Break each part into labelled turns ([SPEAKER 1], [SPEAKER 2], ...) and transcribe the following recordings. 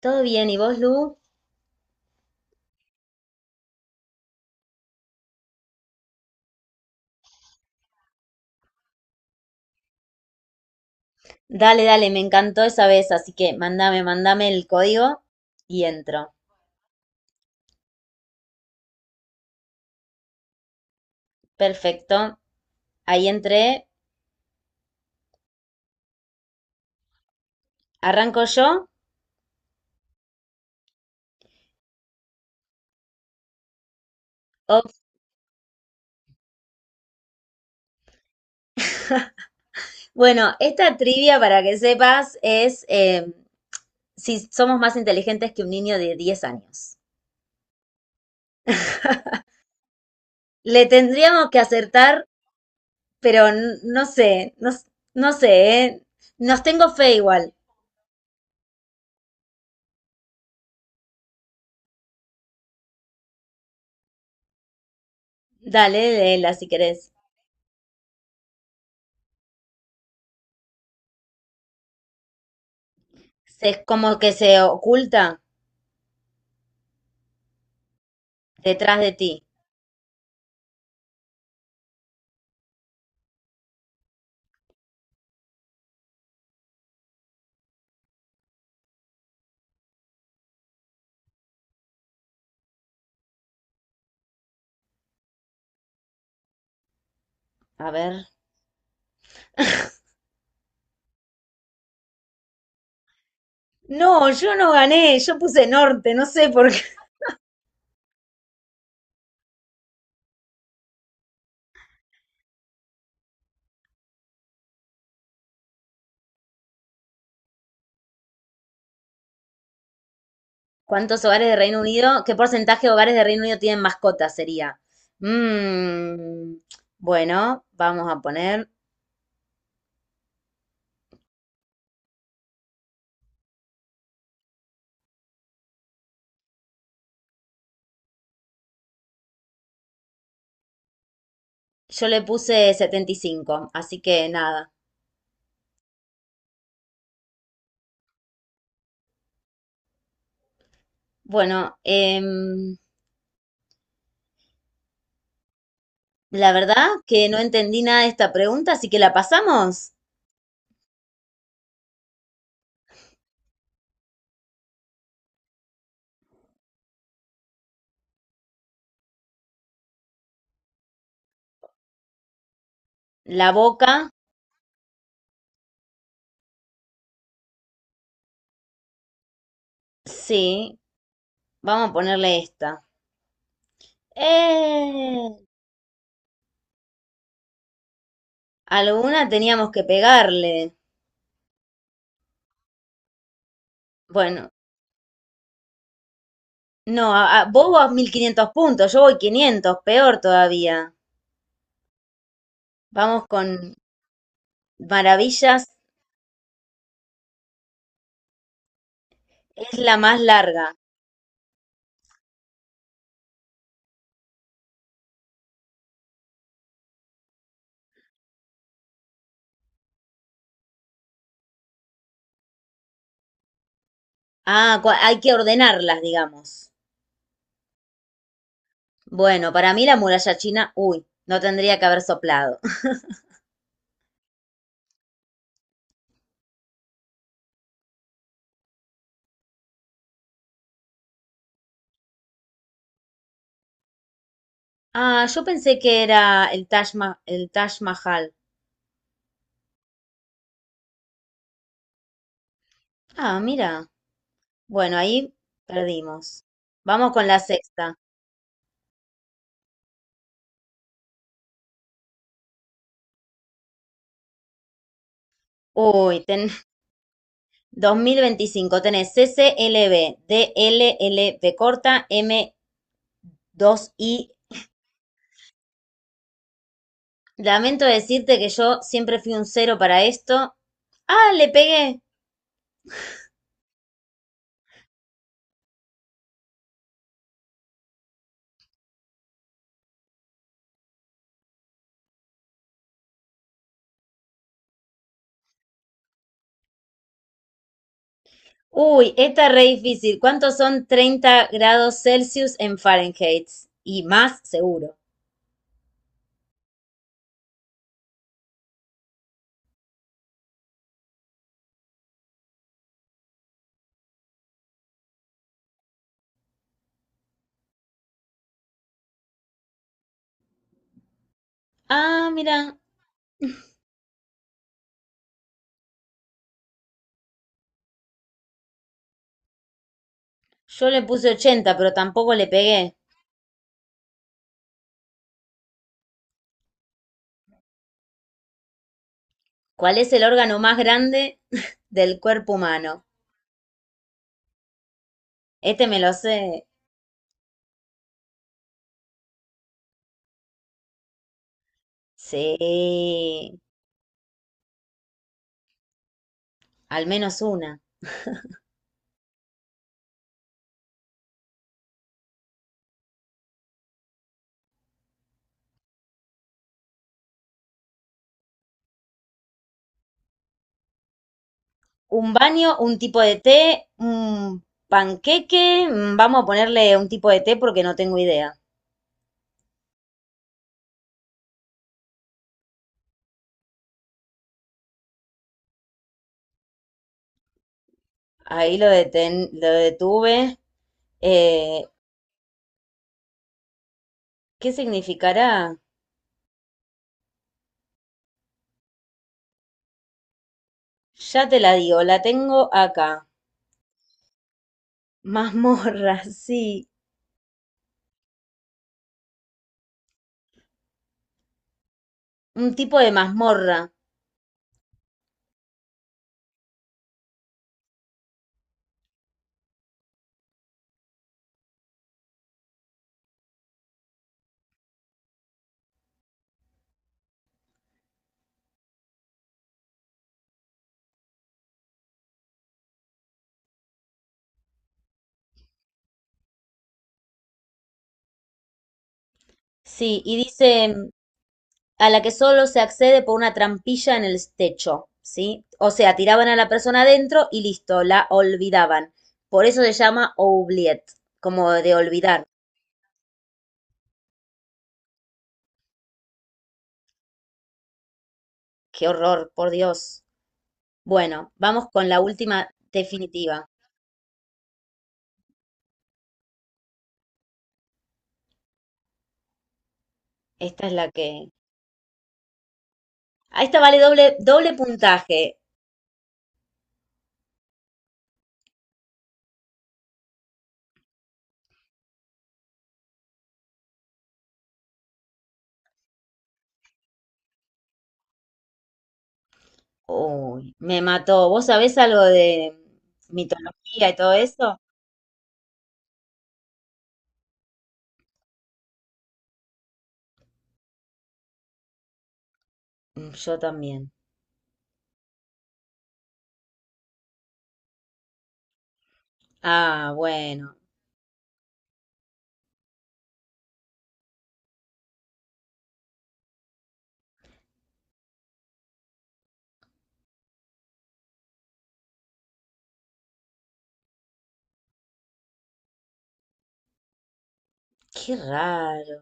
[SPEAKER 1] Todo bien, ¿y vos, Lu? Dale, dale, me encantó esa vez, así que mandame, mandame el código y entro. Perfecto, ahí entré. ¿Arranco yo? Ok. Bueno, esta trivia, para que sepas, es si somos más inteligentes que un niño de 10 años. Le tendríamos que acertar, pero no sé, no sé, ¿eh? Nos tengo fe igual. Dale, léela si querés. Es como que se oculta detrás de ti. A ver. No, yo no gané, yo puse norte, no sé por qué. ¿Cuántos hogares de Reino Unido? ¿Qué porcentaje de hogares de Reino Unido tienen mascotas? Sería. Mm, bueno, vamos a poner. Yo le puse 75, así que nada. Bueno, la verdad que no entendí nada de esta pregunta, así que la pasamos. La boca, sí. Vamos a ponerle esta. ¡Eh! Alguna teníamos que pegarle. Bueno, no, vos vas 1500 puntos, yo voy 500, peor todavía. Vamos con maravillas, es la más larga. Ah, hay que ordenarlas, digamos. Bueno, para mí la muralla china, uy, no tendría que haber soplado. Ah, yo pensé que era el el Taj Mahal. Ah, mira. Bueno, ahí perdimos. Vamos con la sexta. Uy, ten 2025. Tenés CCLB, DLLB corta, m dos i. Lamento decirte que yo siempre fui un cero para esto. ¡Ah, le pegué! Uy, esta es re difícil. ¿Cuántos son 30 grados Celsius en Fahrenheit? Y más seguro. Ah, mira, yo le puse 80, pero tampoco le pegué. ¿Cuál es el órgano más grande del cuerpo humano? Este me lo sé. Sí, al menos una. Un baño, un tipo de té, un panqueque. Vamos a ponerle un tipo de té porque no tengo idea. Ahí lo detuve. Eh, ¿Qué significará? Ya te la digo, la tengo acá. Mazmorra, sí. Un tipo de mazmorra. Sí, y dice a la que solo se accede por una trampilla en el techo, ¿sí? O sea, tiraban a la persona adentro y listo, la olvidaban. Por eso se llama oubliette, como de olvidar. Qué horror, por Dios. Bueno, vamos con la última definitiva. Esta es la que a esta vale doble, doble puntaje. Uy, me mató. ¿Vos sabés algo de mitología y todo eso? Yo también. Ah, bueno. Qué raro.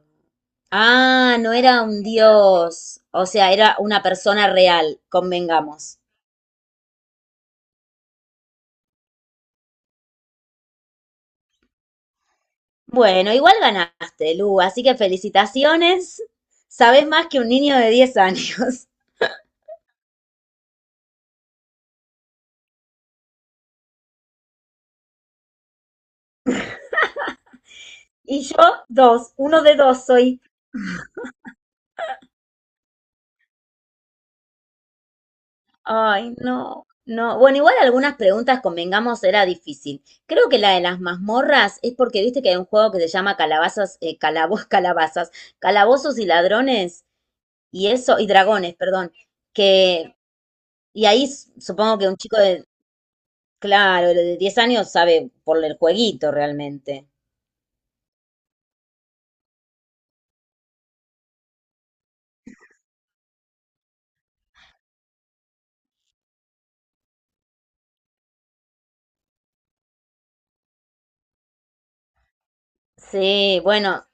[SPEAKER 1] Ah, no era un dios. O sea, era una persona real, convengamos. Bueno, igual ganaste, Lu, así que felicitaciones. Sabés más que un niño de 10 años. Y yo, dos, uno de dos soy. Ay, no, no. Bueno, igual algunas preguntas, convengamos, era difícil. Creo que la de las mazmorras es porque viste que hay un juego que se llama calabazas, calabazas, calabozos y ladrones, y eso, y dragones, perdón, que, y ahí supongo que un chico de, claro, de 10 años sabe por el jueguito realmente. Sí, bueno,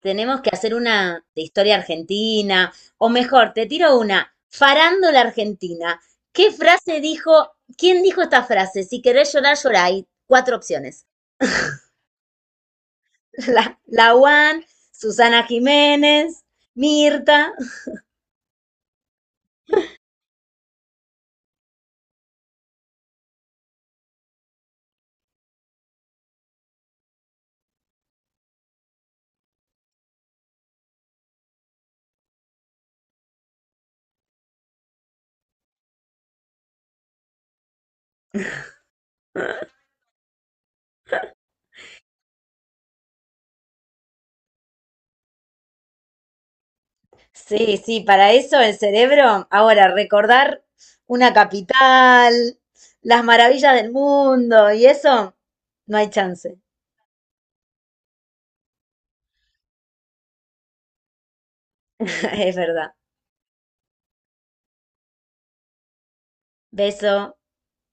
[SPEAKER 1] tenemos que hacer una de historia argentina, o mejor, te tiro una, farándula argentina. ¿Qué frase dijo, quién dijo esta frase? Si querés llorar, llorá. Hay cuatro opciones. La, la Juan, Susana Jiménez, Mirta. Sí, sí, para eso el cerebro. Ahora, recordar una capital, las maravillas del mundo y eso, no hay chance. Es verdad. Beso.